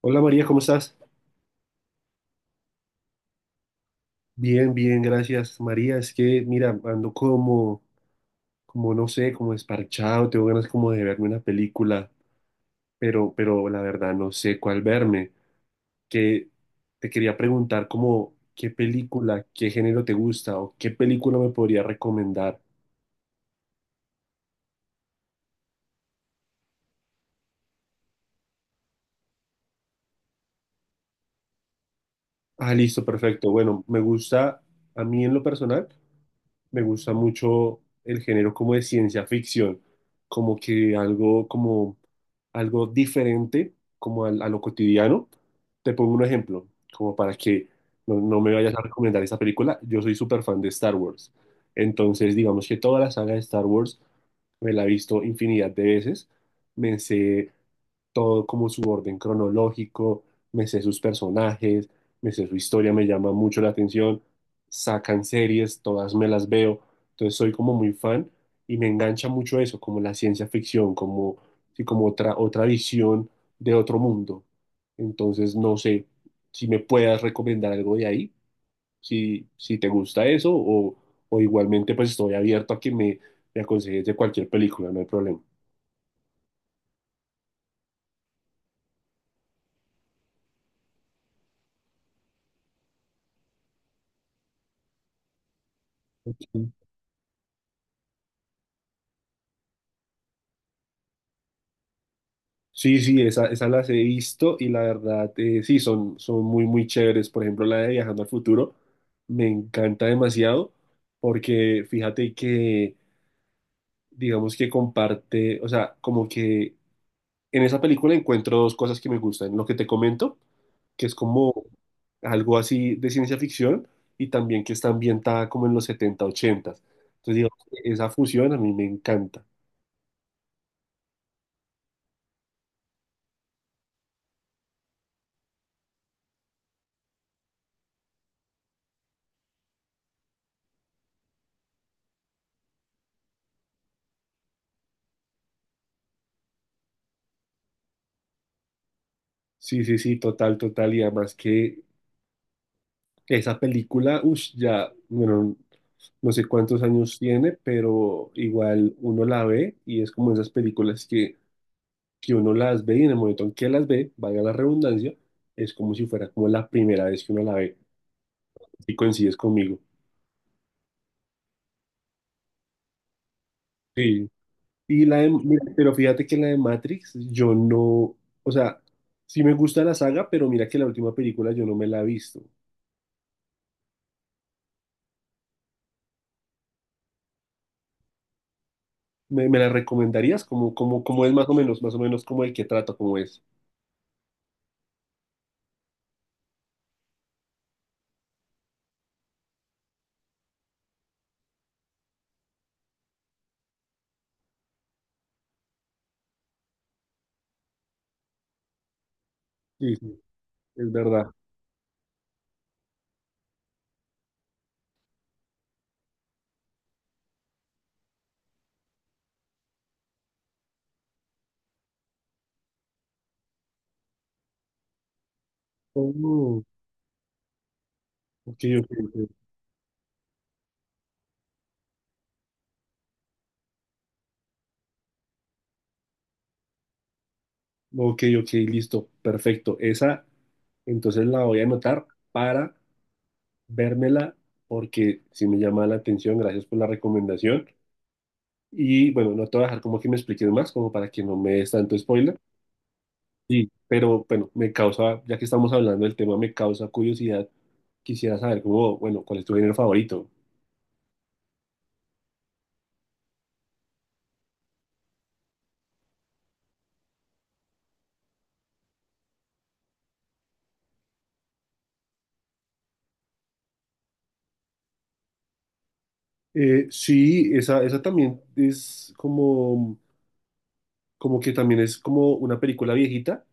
Hola María, ¿cómo estás? Bien, bien, gracias. María, es que mira, ando como no sé, como desparchado, tengo ganas como de verme una película, pero la verdad no sé cuál verme. Que te quería preguntar como qué película, qué género te gusta o qué película me podría recomendar. Ah, listo, perfecto. Bueno, me gusta, a mí en lo personal, me gusta mucho el género como de ciencia ficción, como que algo como algo diferente como a lo cotidiano. Te pongo un ejemplo, como para que no me vayas a recomendar esta película. Yo soy súper fan de Star Wars. Entonces, digamos que toda la saga de Star Wars me la he visto infinidad de veces. Me sé todo como su orden cronológico, me sé sus personajes, me sé su historia, me llama mucho la atención, sacan series, todas me las veo, entonces soy como muy fan y me engancha mucho eso, como la ciencia ficción, como, sí, como otra visión de otro mundo. Entonces no sé si me puedas recomendar algo de ahí, si te gusta eso o igualmente pues estoy abierto a que me aconsejes de cualquier película, no hay problema. Sí, sí, esas las he visto y la verdad, sí, son muy, muy chéveres. Por ejemplo, la de Viajando al Futuro me encanta demasiado porque fíjate que, digamos que comparte, o sea, como que en esa película encuentro dos cosas que me gustan. Lo que te comento, que es como algo así de ciencia ficción y también que está ambientada como en los 70 80. Entonces, digamos, esa fusión a mí me encanta. Sí, sí, sí, total, total. Y además que esa película, uff, ya, bueno, no sé cuántos años tiene, pero igual uno la ve y es como esas películas que uno las ve y en el momento en que las ve, valga la redundancia, es como si fuera como la primera vez que uno la ve. Y coincides conmigo. Sí. Y mira, pero fíjate que la de Matrix, yo no, o sea, sí me gusta la saga, pero mira que la última película yo no me la he visto. ¿Me la recomendarías? ¿Cómo es más o menos como el que trata, cómo es? Sí, sí, es verdad. Oh, ok, ok, ok, ok, ok, listo, perfecto. Esa, entonces la voy a anotar para vérmela porque si me llama la atención. Gracias por la recomendación. Y bueno, no te voy a dejar como que me expliques más, como para que no me des tanto spoiler. Sí, pero bueno, me causa, ya que estamos hablando del tema, me causa curiosidad. Quisiera saber cómo, bueno, cuál es tu género favorito. Sí, esa también es como que también es como una película viejita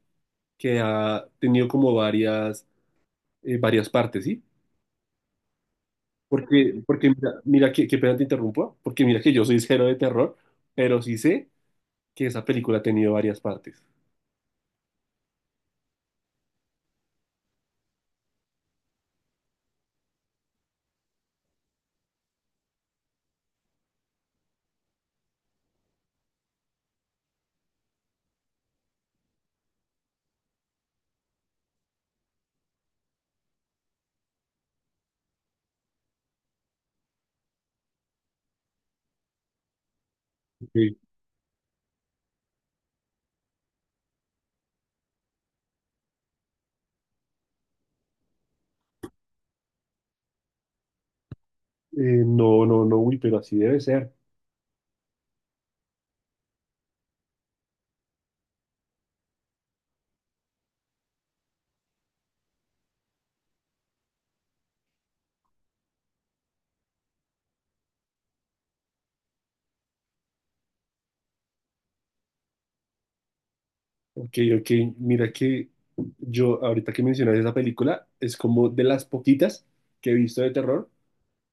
que ha tenido como varias, varias partes, ¿sí? Porque mira que, qué pena te interrumpo, porque mira que yo soy cero de terror, pero sí sé que esa película ha tenido varias partes. Ok, no, no, no, uy, pero así debe ser. Ok, ok, mira que yo, ahorita que mencionas esa película, es como de las poquitas que he visto de terror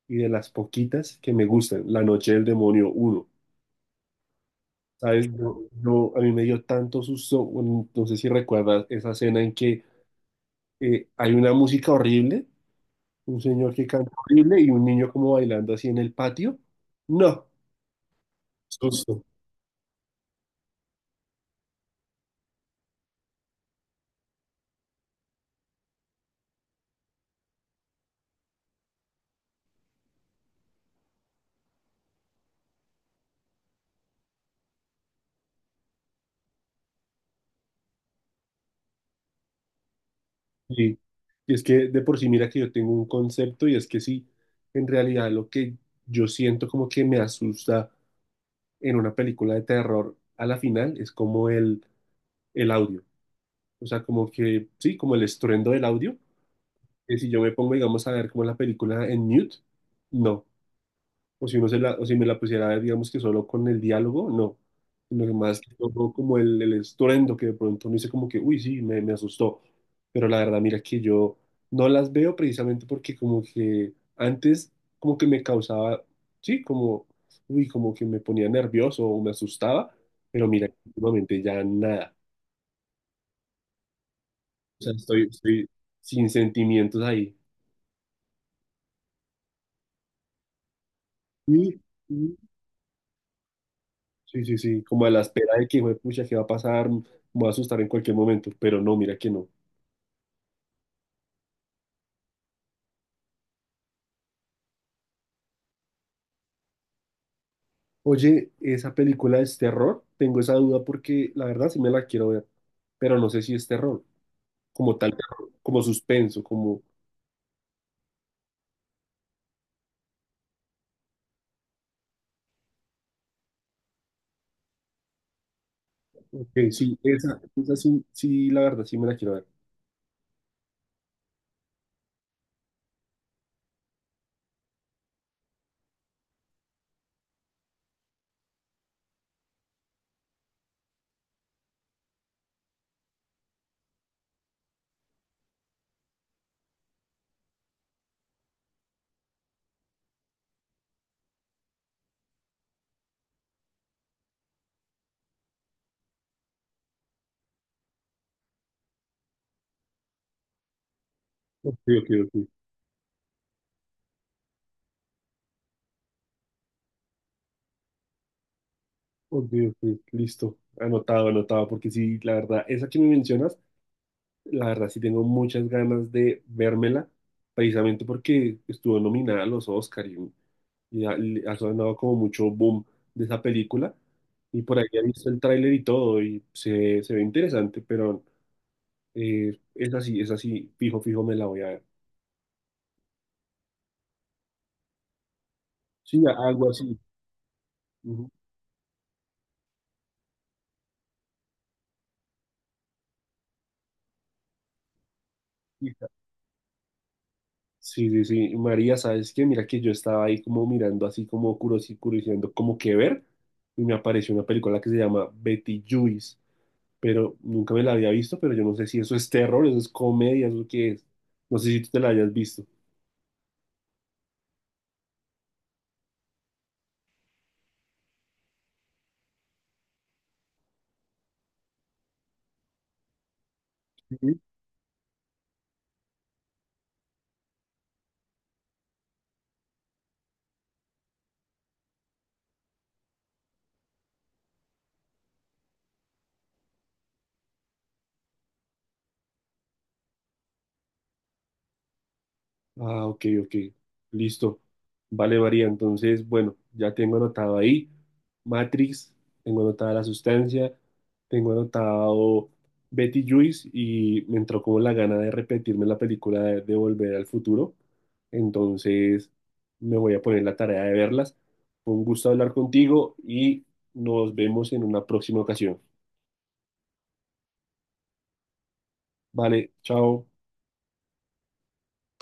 y de las poquitas que me gustan, La Noche del Demonio uno. ¿Sabes? A mí me dio tanto susto, bueno, no sé si recuerdas esa escena en que hay una música horrible, un señor que canta horrible y un niño como bailando así en el patio. No, susto. Y, y es que de por sí, mira que yo tengo un concepto y es que sí, en realidad lo que yo siento como que me asusta en una película de terror a la final es como el audio. O sea, como que, sí, como el estruendo del audio. Que si yo me pongo, digamos, a ver como la película en mute, no. O si me la pusiera a ver, digamos que solo con el diálogo, no, sino que más que todo como el estruendo que de pronto uno dice como que, uy, sí, me asustó, pero la verdad, mira que yo no las veo precisamente porque como que antes como que me causaba, sí, como, uy, como que me ponía nervioso o me asustaba, pero mira, últimamente ya nada, o sea, estoy sin sentimientos ahí. Sí, sí, sí, sí, sí, como a la espera de que, hijo de pucha, ¿qué va a pasar? Me voy a asustar en cualquier momento, pero no, mira que no. Oye, ¿esa película es terror? Tengo esa duda porque la verdad sí me la quiero ver, pero no sé si es terror, como tal, terror, como suspenso, como... Ok, sí, esa sí, sí, la verdad sí me la quiero ver. Ok, ok, ok, ok, ok, listo, anotado, anotado, porque sí, la verdad, esa que me mencionas, la verdad sí tengo muchas ganas de vérmela, precisamente porque estuvo nominada a los Oscar y ha sonado como mucho boom de esa película. Y por ahí he visto el tráiler y todo, y se ve interesante, pero es así, fijo, fijo, me la voy a ver. Sí, algo así. Ujú. Sí, sí, sí. María, ¿sabes qué? Mira que yo estaba ahí como mirando, así como curioseando, como que ver, y me apareció una película que se llama Betty Juice, pero nunca me la había visto, pero yo no sé si eso es terror, eso es comedia, eso qué es. No sé si tú te la hayas visto. Ah, ok, ok. Listo. Vale, varía. Entonces, bueno, ya tengo anotado ahí Matrix, tengo anotada la sustancia, tengo anotado Betty Juice y me entró como la gana de repetirme la película de Volver al Futuro. Entonces, me voy a poner la tarea de verlas. Fue un gusto hablar contigo y nos vemos en una próxima ocasión. Vale, chao.